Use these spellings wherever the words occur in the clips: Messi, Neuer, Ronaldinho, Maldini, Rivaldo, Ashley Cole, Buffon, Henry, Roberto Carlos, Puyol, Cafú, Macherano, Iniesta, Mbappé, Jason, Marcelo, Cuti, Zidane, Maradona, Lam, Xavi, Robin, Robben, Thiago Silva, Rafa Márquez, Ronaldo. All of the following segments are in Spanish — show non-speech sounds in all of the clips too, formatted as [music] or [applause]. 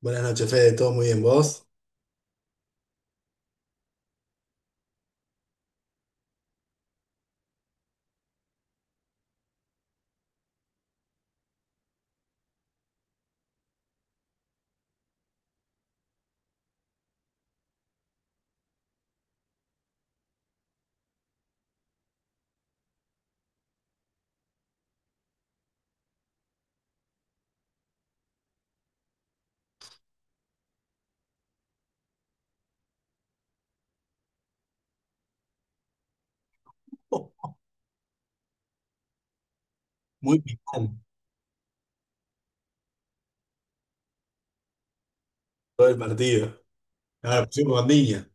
Buenas noches, Fede. ¿Todo muy bien vos? [laughs] Oh, muy picante todo el partido. Ahora pusimos con Diña.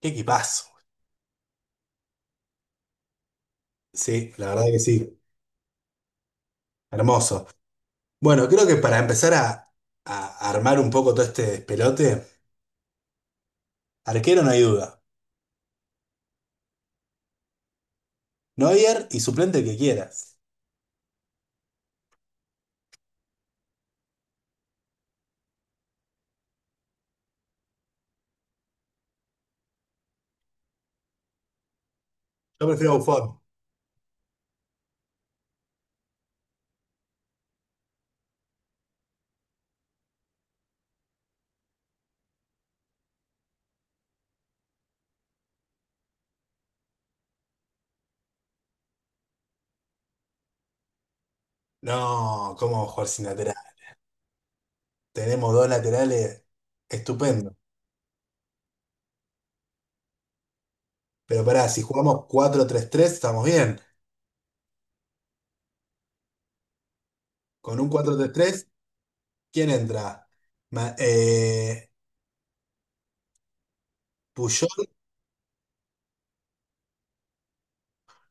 Qué equipazo. Sí, la verdad que sí. Hermoso. Bueno, creo que para empezar a armar un poco todo este despelote, arquero no hay duda. Neuer y suplente el que quieras. Yo prefiero Buffon. No, ¿cómo vamos a jugar sin lateral? Tenemos dos laterales estupendo. Pero pará, si jugamos cuatro tres tres estamos bien. Con un cuatro tres tres, ¿quién entra? Ma- eh, Puyol.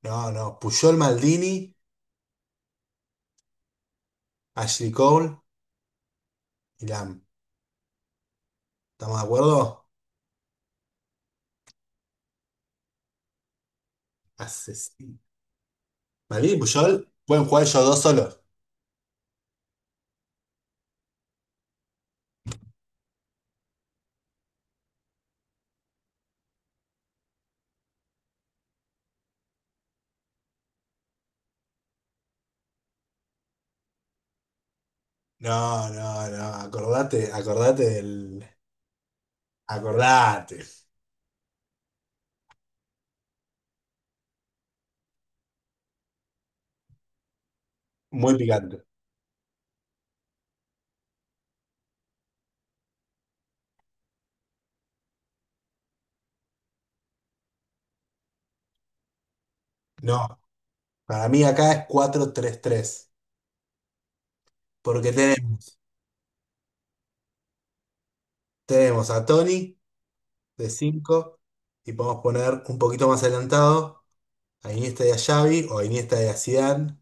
No, no. Puyol, Maldini, Ashley Cole y Lam. ¿Estamos de acuerdo? Asesino. Maldini y Puyol pueden jugar ellos dos solos. No, no, no. Acordate, acordate del. Acordate. Muy picante. No, para mí acá es cuatro tres tres. Porque tenemos, Tenemos a Tony de 5 y podemos poner un poquito más adelantado a Iniesta y a Xavi o a Iniesta y a Zidane.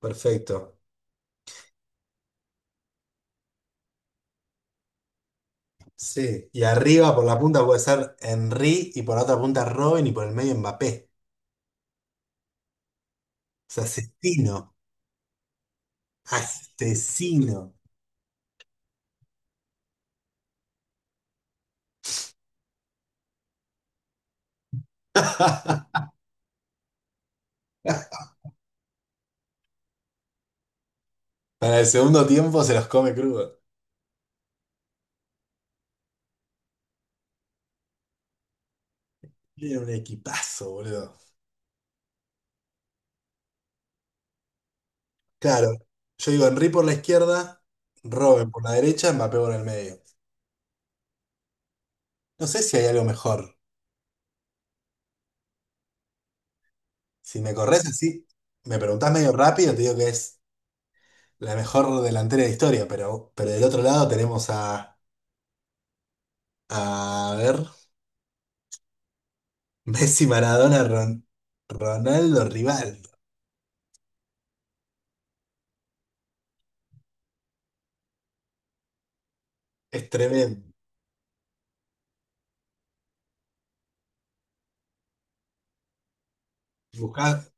Perfecto. Sí, y arriba por la punta puede ser Henry y por la otra punta Robin y por el medio Mbappé. O asesino, asesino. [laughs] Para el segundo tiempo se los come crudo. Tiene un equipazo, boludo. Claro, yo digo Henry por la izquierda, Robin por la derecha, Mbappé por el medio. No sé si hay algo mejor. Si me corres así, me preguntás medio rápido, te digo que es la mejor delantera de historia, pero del otro lado tenemos a... A ver. Messi, Maradona, Ron- Ronaldo, Rivaldo. Es tremendo. Buscar,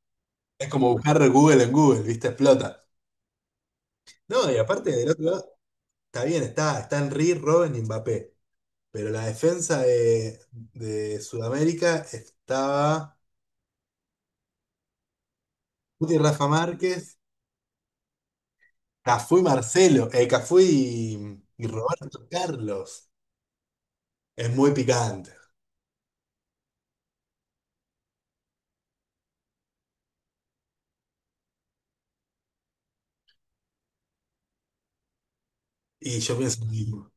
es como buscar Google en Google, ¿viste? Explota. No, y aparte del otro lado, está bien, está, están Henry, Robben y Mbappé. Pero la defensa de Sudamérica estaba Guti, Rafa Márquez, Cafú y Roberto Carlos. Es muy picante. Y yo pienso lo mismo.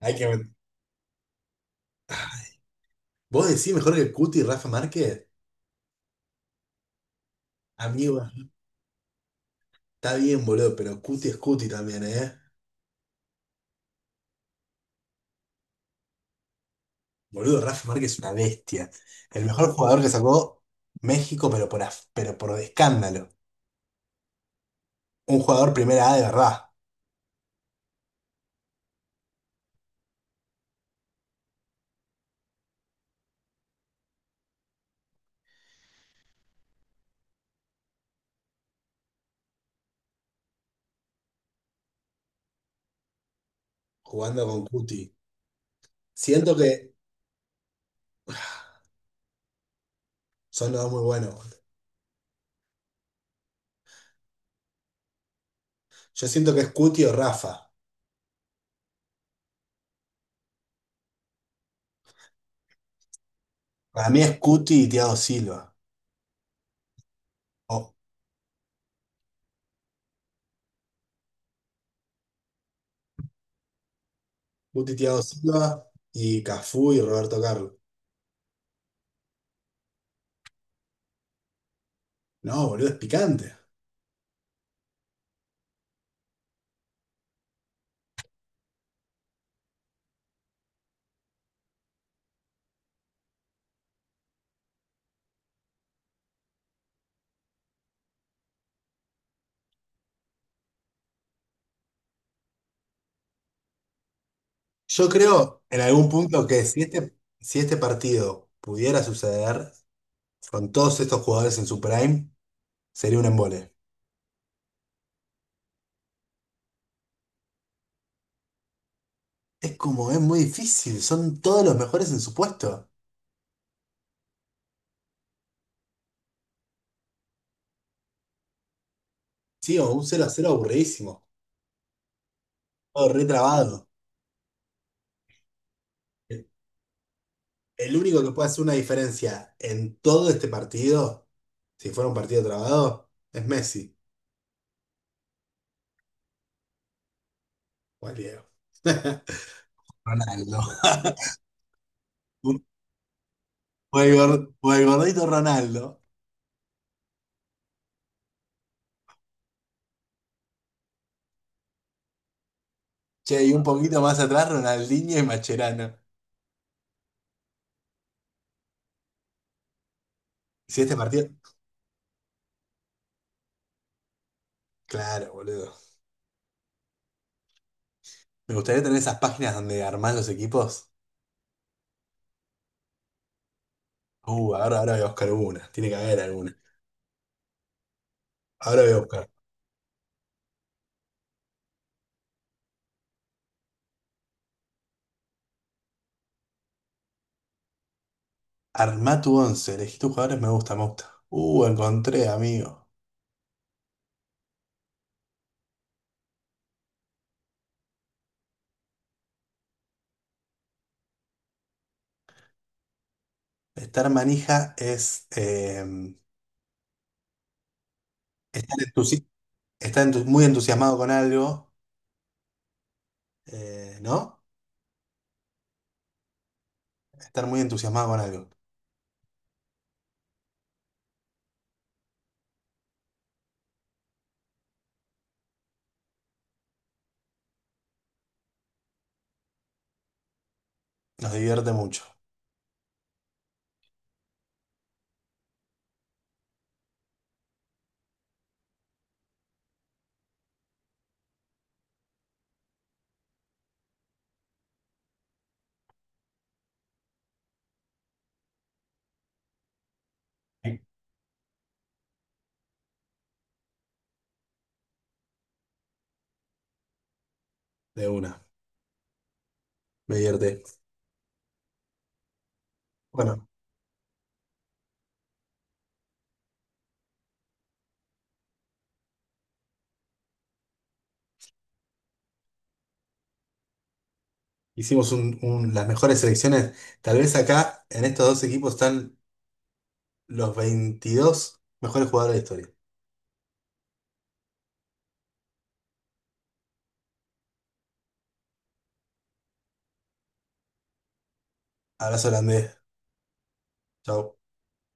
Hay que, vos decís mejor que Cuti y Rafa Márquez, amigo. Está bien, boludo, pero Cuti es Cuti también, ¿eh? Boludo, Rafa Márquez es una bestia. El mejor jugador que sacó México, pero por escándalo. Un jugador primera A de verdad, jugando con Cuti. Siento que son los dos muy buenos, boludo. Yo siento que es Cuti o Rafa. Para mí es Cuti y Thiago Silva. O Cuti, Thiago Silva y Cafú y Roberto Carlos. No, boludo, es picante. Yo creo en algún punto que si este partido pudiera suceder. Con todos estos jugadores en su prime, sería un embole. Es como, es muy difícil, son todos los mejores en su puesto. Sí, o un 0 a 0 aburridísimo, todo retrabado. El único que puede hacer una diferencia en todo este partido, si fuera un partido trabado, es Messi o el Diego. [laughs] Ronaldo. Un- o el gordito Ronaldo. Che, y un poquito más atrás, Ronaldinho y Macherano. Si este partido. Claro, boludo. Me gustaría tener esas páginas donde armás los equipos. Ahora voy a buscar una. Tiene que haber alguna. Ahora voy a buscar. Armá tu once. Elegí tus jugadores. Me gusta, me gusta. Encontré, amigo. Estar manija es... entusi- muy entusiasmado con algo, ¿no? Estar muy entusiasmado con algo. Nos divierte mucho. De una. Me divierte. Bueno, hicimos las mejores selecciones. Tal vez acá, en estos dos equipos, están los 22 mejores jugadores de la historia. Abrazo holandés. Chau.